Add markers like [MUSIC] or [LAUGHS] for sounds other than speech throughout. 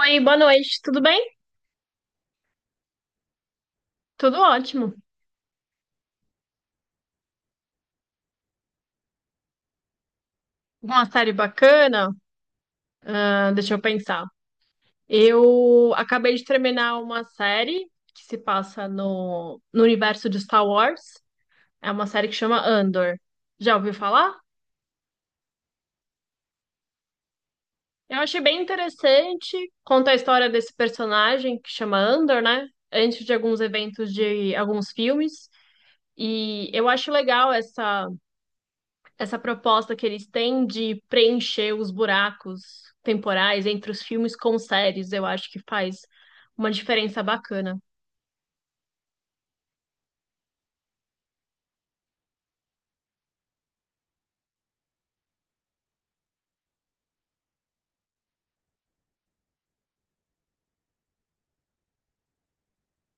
Oi, boa noite, tudo bem? Tudo ótimo. Uma série bacana? Ah, deixa eu pensar. Eu acabei de terminar uma série que se passa no universo de Star Wars. É uma série que chama Andor. Já ouviu falar? Eu achei bem interessante. Conta a história desse personagem que chama Andor, né? Antes de alguns eventos de alguns filmes. E eu acho legal essa proposta que eles têm de preencher os buracos temporais entre os filmes com séries, eu acho que faz uma diferença bacana.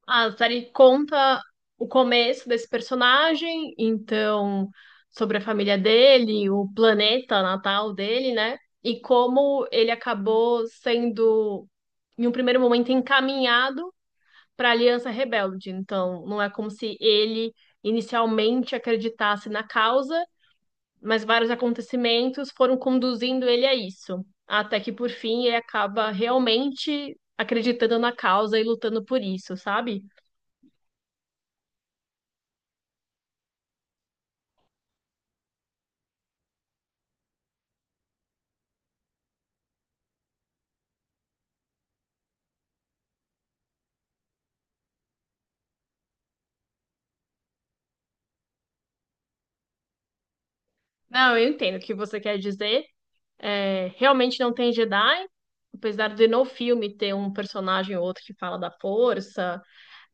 A série conta o começo desse personagem, então sobre a família dele, o planeta natal dele, né? E como ele acabou sendo, em um primeiro momento, encaminhado para a Aliança Rebelde. Então, não é como se ele inicialmente acreditasse na causa, mas vários acontecimentos foram conduzindo ele a isso, até que por fim ele acaba realmente acreditando na causa e lutando por isso, sabe? Não, eu entendo o que você quer dizer. É, realmente não tem Jedi, apesar de no filme ter um personagem ou outro que fala da força.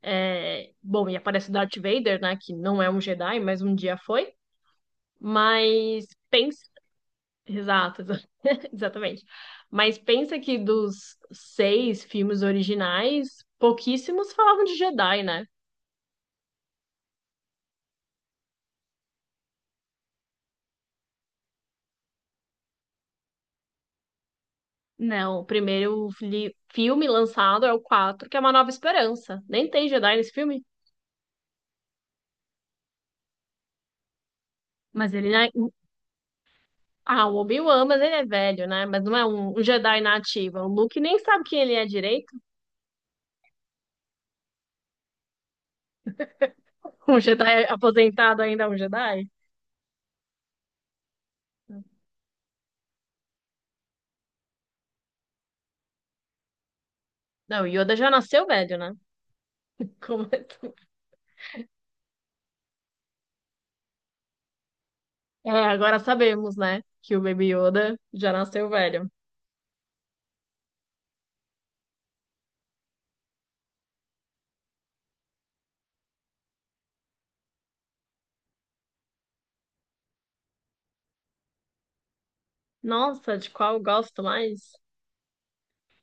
É, bom, e aparece o Darth Vader, né? Que não é um Jedi, mas um dia foi. Mas pens- Exato, exa- [LAUGHS] Exatamente. Mas pensa que dos seis filmes originais, pouquíssimos falavam de Jedi, né? Não, o filme lançado é o quatro, que é Uma Nova Esperança. Nem tem Jedi nesse filme, mas ele, né? Ah, o Obi-Wan, mas ele é velho, né? Mas não é um Jedi na ativa. O Luke nem sabe quem ele é direito. [LAUGHS] Um Jedi aposentado ainda é um Jedi? Não, o Yoda já nasceu velho, né? Como é, que- É, agora sabemos, né, que o Baby Yoda já nasceu velho. Nossa, de qual eu gosto mais?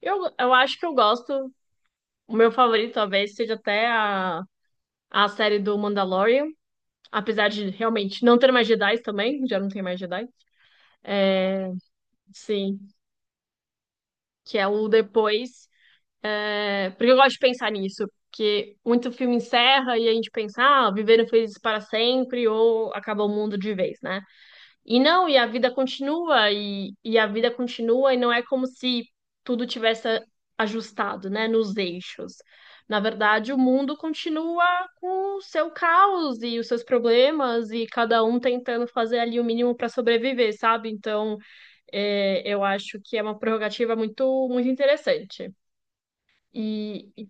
Eu acho que eu gosto. O meu favorito talvez seja até a série do Mandalorian. Apesar de realmente não ter mais Jedi também, já não tem mais Jedi. É, sim, que é o depois. É, porque eu gosto de pensar nisso. Porque muito filme encerra e a gente pensa, ah, viveram felizes para sempre ou acaba o mundo de vez, né? E não, e a vida continua, e a vida continua, e não é como se tudo tivesse ajustado, né, nos eixos. Na verdade, o mundo continua com o seu caos e os seus problemas, e cada um tentando fazer ali o mínimo para sobreviver, sabe? Então, é, eu acho que é uma prerrogativa muito, muito interessante. E,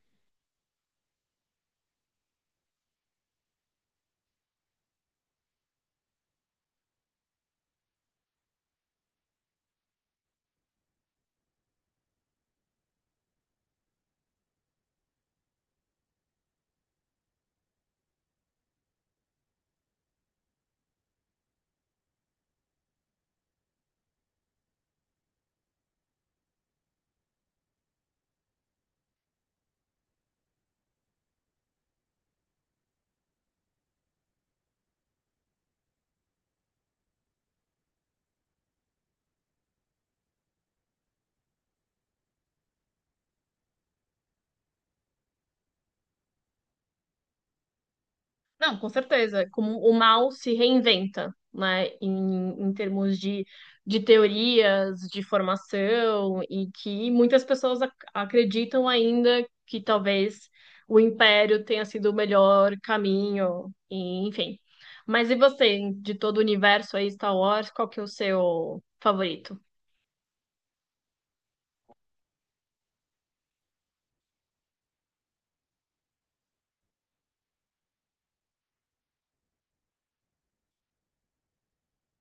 Não, com certeza. É como o mal se reinventa, né? Em termos de teorias, de formação, e que muitas pessoas acreditam ainda que talvez o império tenha sido o melhor caminho, e, enfim. Mas e você, de todo o universo aí, Star Wars, qual que é o seu favorito?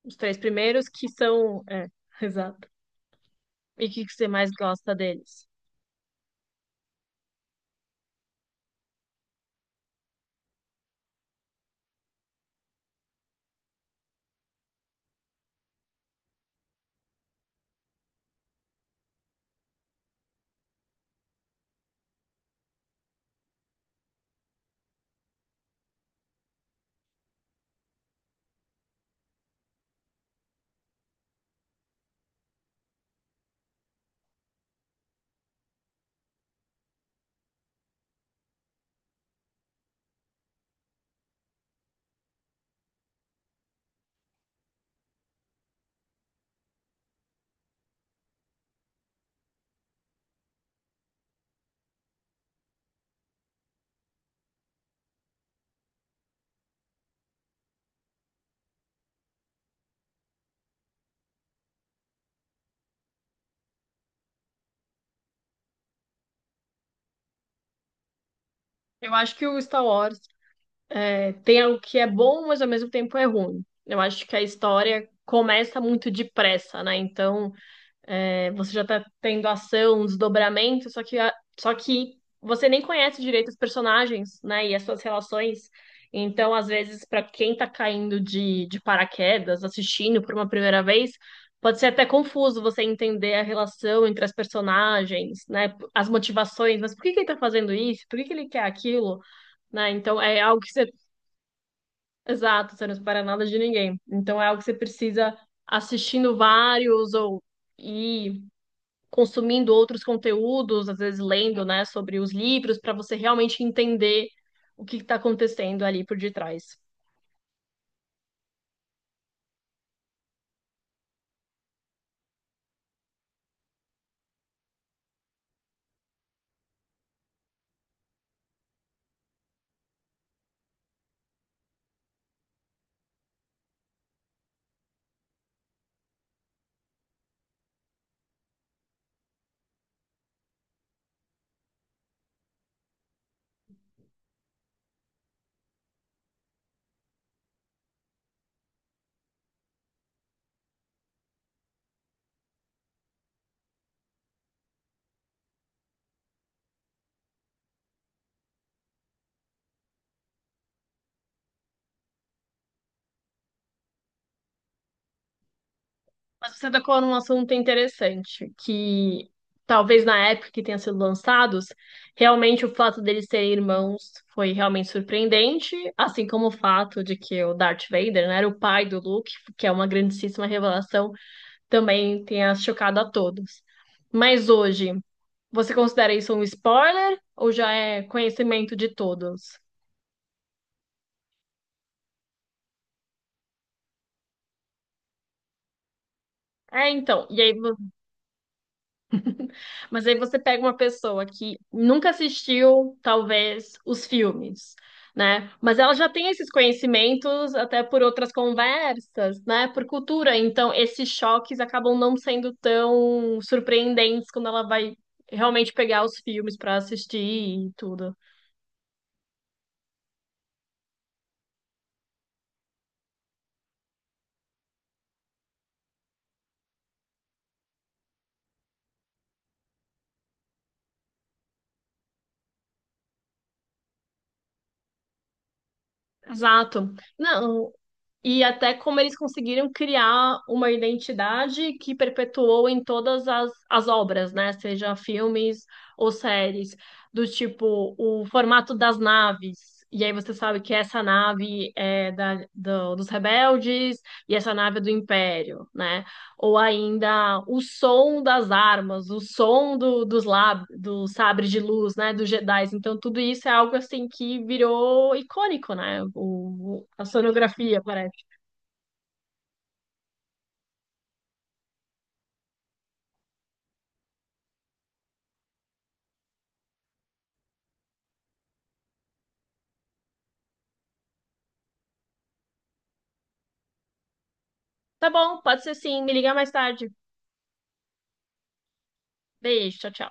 Os três primeiros que são. É, [LAUGHS] exato. E o que que você mais gosta deles? Eu acho que o Star Wars tem algo que é bom, mas ao mesmo tempo é ruim. Eu acho que a história começa muito depressa, né? Então, é, você já tá tendo ação, um desdobramento, só que você nem conhece direito os personagens, né? E as suas relações. Então, às vezes, para quem tá caindo de paraquedas, assistindo por uma primeira vez, pode ser até confuso você entender a relação entre as personagens, né? As motivações, mas por que que ele tá fazendo isso? Por que que ele quer aquilo? Né? Então é algo que você... Exato, você não espera nada de ninguém. Então é algo que você precisa assistindo vários ou e consumindo outros conteúdos, às vezes lendo, né, sobre os livros, para você realmente entender o que está acontecendo ali por detrás. Mas você tocou num assunto interessante, que talvez na época que tenha sido lançados, realmente o fato deles serem irmãos foi realmente surpreendente, assim como o fato de que o Darth Vader, né, era o pai do Luke, que é uma grandíssima revelação também tenha chocado a todos. Mas hoje, você considera isso um spoiler ou já é conhecimento de todos? É, então, e mas aí você pega uma pessoa que nunca assistiu, talvez, os filmes, né? Mas ela já tem esses conhecimentos até por outras conversas, né? Por cultura. Então, esses choques acabam não sendo tão surpreendentes quando ela vai realmente pegar os filmes para assistir e tudo. Exato. Não, e até como eles conseguiram criar uma identidade que perpetuou em todas as obras, né? Seja filmes ou séries, do tipo o formato das naves. E aí você sabe que essa nave é dos rebeldes e essa nave é do Império, né? Ou ainda o som das armas, o som dos sabres de luz, né? Dos Jedis. Então tudo isso é algo assim que virou icônico, né? A sonografia, parece. Tá bom, pode ser, sim. Me liga mais tarde. Beijo, tchau, tchau.